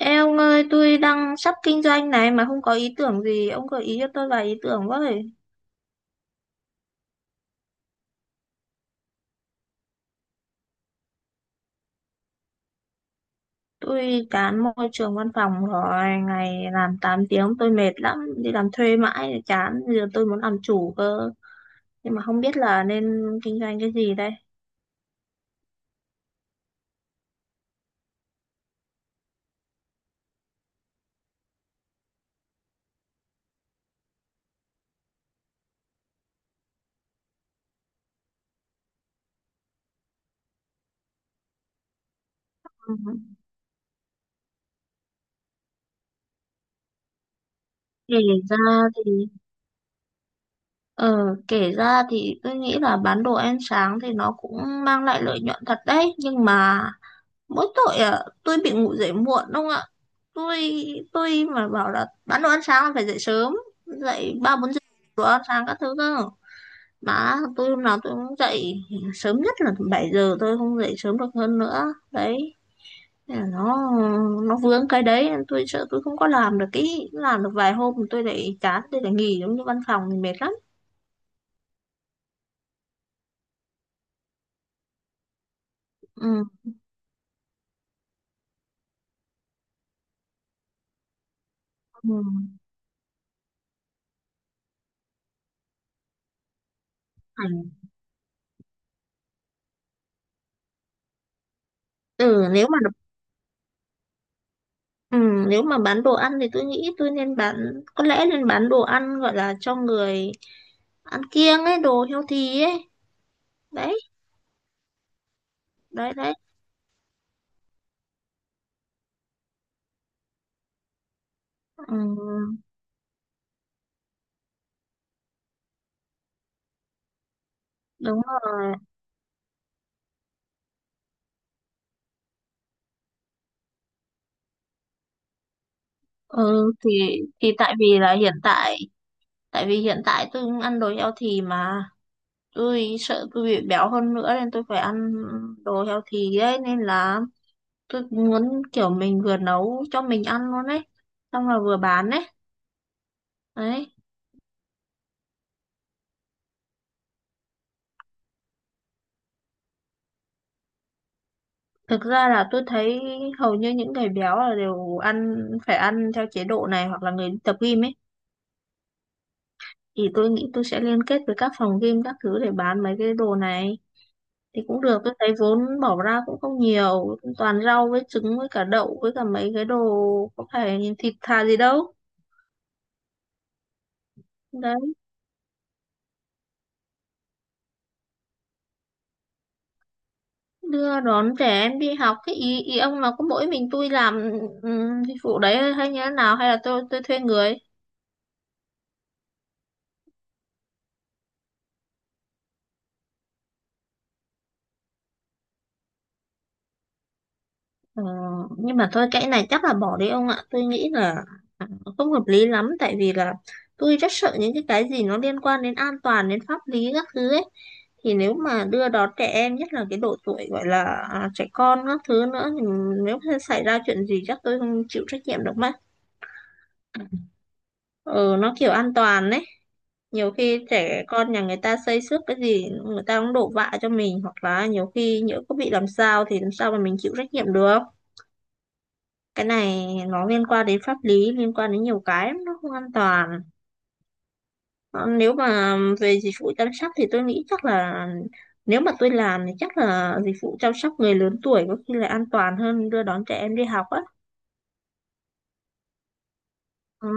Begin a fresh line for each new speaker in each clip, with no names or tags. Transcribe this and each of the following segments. Ê ông ơi, tôi đang sắp kinh doanh này mà không có ý tưởng gì, ông gợi ý cho tôi vài ý tưởng với. Tôi chán môi trường văn phòng rồi, ngày làm 8 tiếng tôi mệt lắm, đi làm thuê mãi thì chán, bây giờ tôi muốn làm chủ cơ, nhưng mà không biết là nên kinh doanh cái gì đây. Ừ. Kể ra thì ờ kể ra thì tôi nghĩ là bán đồ ăn sáng thì nó cũng mang lại lợi nhuận thật đấy, nhưng mà mỗi tội à, tôi bị ngủ dậy muộn đúng không ạ? Tôi tôi mà bảo là bán đồ ăn sáng là phải dậy sớm, dậy 3, 4 giờ, đồ ăn sáng các thứ cơ, mà tôi hôm nào tôi cũng dậy sớm nhất là 7 giờ, tôi không dậy sớm được hơn nữa đấy. Nó nó vướng cái đấy, tôi sợ tôi không có làm được, cái làm được vài hôm tôi lại chán, tôi lại nghỉ giống như văn phòng thì mệt lắm. Ừ. Ừ. Ảnh- ừ nếu mà Ừ, nếu mà bán đồ ăn thì tôi nghĩ tôi nên bán, có lẽ nên bán đồ ăn gọi là cho người ăn kiêng ấy, đồ healthy ấy. Đấy, đấy, đấy. Ừ, đúng rồi. Ừ, thì tại vì hiện tại tôi cũng ăn đồ healthy mà, tôi sợ tôi bị béo hơn nữa nên tôi phải ăn đồ healthy ấy, nên là tôi muốn kiểu mình vừa nấu cho mình ăn luôn ấy, xong là vừa bán ấy. Đấy. Thực ra là tôi thấy hầu như những người béo là đều ăn phải ăn theo chế độ này, hoặc là người đi tập gym ấy, thì tôi nghĩ tôi sẽ liên kết với các phòng gym các thứ để bán mấy cái đồ này thì cũng được. Tôi thấy vốn bỏ ra cũng không nhiều, toàn rau với trứng với cả đậu với cả mấy cái đồ, có phải thịt thà gì đâu. Đấy. Đưa đón trẻ em đi học, cái ý, ý ông là có mỗi mình tôi làm dịch vụ đấy, hay như thế nào, hay là tôi thuê người? Ờ, nhưng mà thôi cái này chắc là bỏ đi ông ạ, tôi nghĩ là không hợp lý lắm. Tại vì là tôi rất sợ những cái gì nó liên quan đến an toàn, đến pháp lý các thứ ấy, thì nếu mà đưa đón trẻ em nhất là cái độ tuổi gọi là à, trẻ con các thứ nữa thì nếu xảy ra chuyện gì chắc tôi không chịu trách nhiệm được mất. Ừ, nó kiểu an toàn đấy, nhiều khi trẻ con nhà người ta xây xước cái gì người ta cũng đổ vạ cho mình, hoặc là nhiều khi nhỡ có bị làm sao thì làm sao mà mình chịu trách nhiệm được. Cái này nó liên quan đến pháp lý, liên quan đến nhiều cái lắm, nó không an toàn. Ờ, nếu mà về dịch vụ chăm sóc thì tôi nghĩ chắc là, nếu mà tôi làm thì chắc là dịch vụ chăm sóc người lớn tuổi có khi là an toàn hơn đưa đón trẻ em đi học á. Ừ.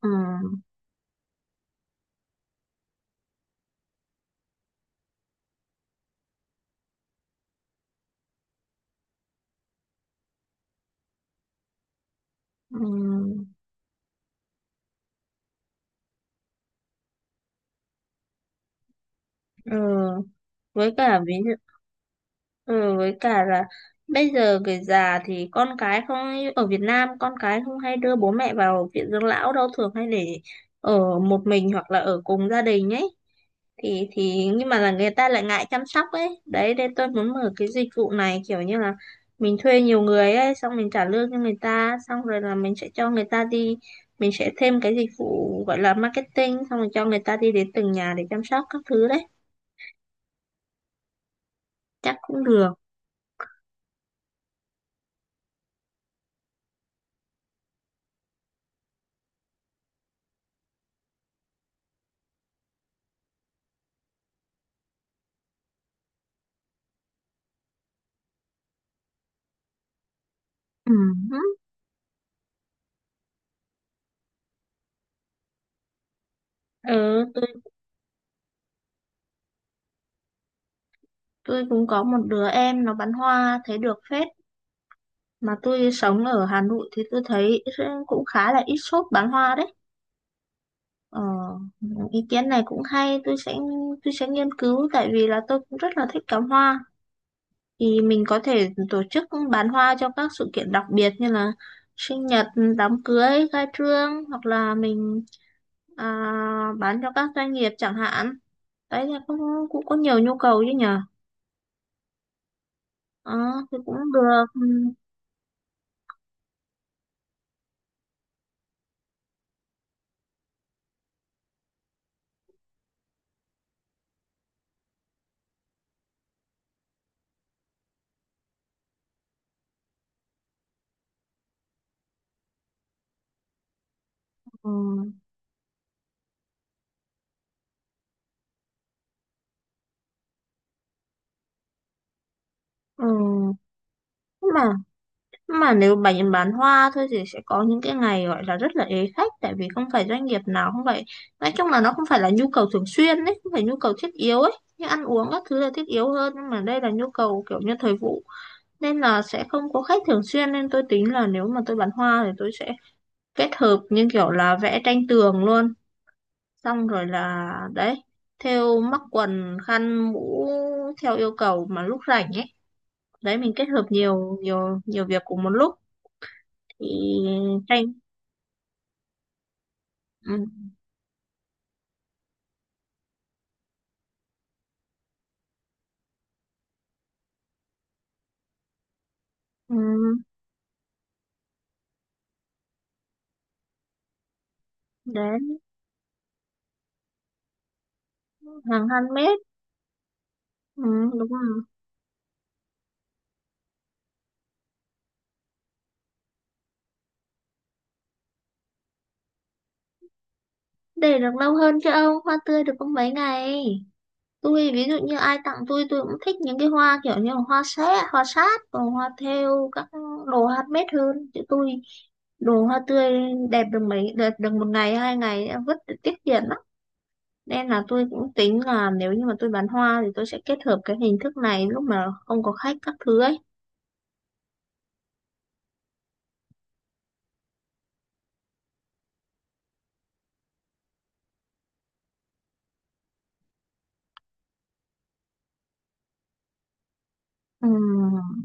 Ừ. Ừ. Ừ. Với cả ví dụ Ừ, với cả là bây giờ người già thì con cái không, ở Việt Nam con cái không hay đưa bố mẹ vào viện dưỡng lão đâu, thường hay để ở một mình hoặc là ở cùng gia đình ấy, thì nhưng mà là người ta lại ngại chăm sóc ấy, đấy nên tôi muốn mở cái dịch vụ này kiểu như là mình thuê nhiều người ấy, xong mình trả lương cho người ta, xong rồi là mình sẽ cho người ta đi, mình sẽ thêm cái dịch vụ gọi là marketing, xong rồi cho người ta đi đến từng nhà để chăm sóc các thứ đấy, chắc cũng được. Ừ. Ừ, tôi cũng có một đứa em nó bán hoa, thấy được phết, mà tôi sống ở Hà Nội thì tôi thấy cũng khá là ít shop bán hoa đấy. Ờ, ý kiến này cũng hay, tôi sẽ nghiên cứu, tại vì là tôi cũng rất là thích cắm hoa, thì mình có thể tổ chức bán hoa cho các sự kiện đặc biệt như là sinh nhật, đám cưới, khai trương, hoặc là mình, à, bán cho các doanh nghiệp chẳng hạn. Đấy là cũng cũng có nhiều nhu cầu chứ nhở. Ờ, thì cũng được. Ừ, ừ. Ừ. Nhưng mà nếu bạn bán hoa thôi thì sẽ có những cái ngày gọi là rất là ế khách, tại vì không phải doanh nghiệp nào, không phải, nói chung là nó không phải là nhu cầu thường xuyên ấy, không phải nhu cầu thiết yếu ấy như ăn uống các thứ là thiết yếu hơn, nhưng mà đây là nhu cầu kiểu như thời vụ nên là sẽ không có khách thường xuyên. Nên tôi tính là nếu mà tôi bán hoa thì tôi sẽ kết hợp như kiểu là vẽ tranh tường luôn, xong rồi là đấy, thêu mắc quần khăn mũ theo yêu cầu mà lúc rảnh ấy. Đấy, mình kết hợp nhiều nhiều nhiều việc cùng một lúc. Thì tranh. Ừ. Ừ. Đến hàng trăm mét. Ừ. Đúng rồi. Để được lâu hơn chứ ông, hoa tươi được có mấy ngày. Tôi ví dụ như ai tặng tôi cũng thích những cái hoa kiểu như là hoa sét hoa sát và hoa thêu các đồ handmade hơn. Chứ tôi đồ hoa tươi đẹp được mấy, đẹp được 1 ngày 2 ngày đã vứt, để tiết kiệm lắm. Nên là tôi cũng tính là nếu như mà tôi bán hoa thì tôi sẽ kết hợp cái hình thức này lúc mà không có khách các thứ ấy. Ừm.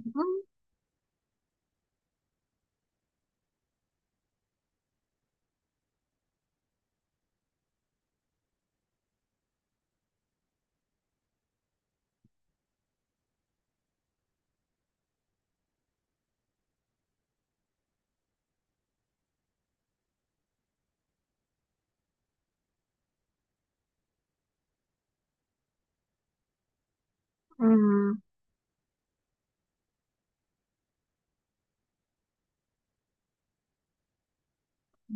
Ừm.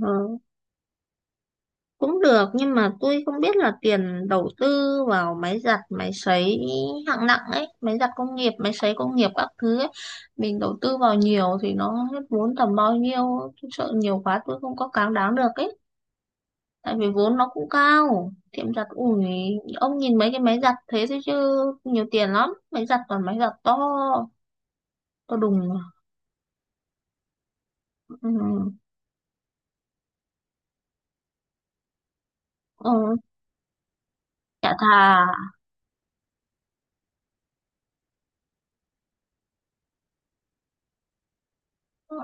Ừ. Cũng được, nhưng mà tôi không biết là tiền đầu tư vào máy giặt máy sấy hạng nặng ấy, máy giặt công nghiệp máy sấy công nghiệp các thứ ấy, mình đầu tư vào nhiều thì nó hết vốn tầm bao nhiêu, tôi sợ nhiều quá tôi không có cám đáng được ấy. Tại vì vốn nó cũng cao, tiệm giặt ủi ông nhìn mấy cái máy giặt thế thôi chứ nhiều tiền lắm, máy giặt toàn máy giặt to, to đùng. Ừ. Ừ. Ừ, chả thà. Ừ.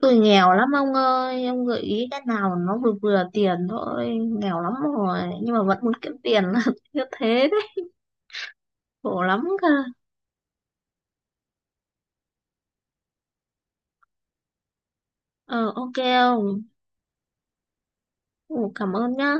Tôi nghèo lắm ông ơi, ông gợi ý cái nào nó vừa vừa tiền thôi, nghèo lắm rồi, nhưng mà vẫn muốn kiếm tiền là như thế đấy, khổ lắm cơ. Ờ, OK ông, ồ, cảm ơn nhá.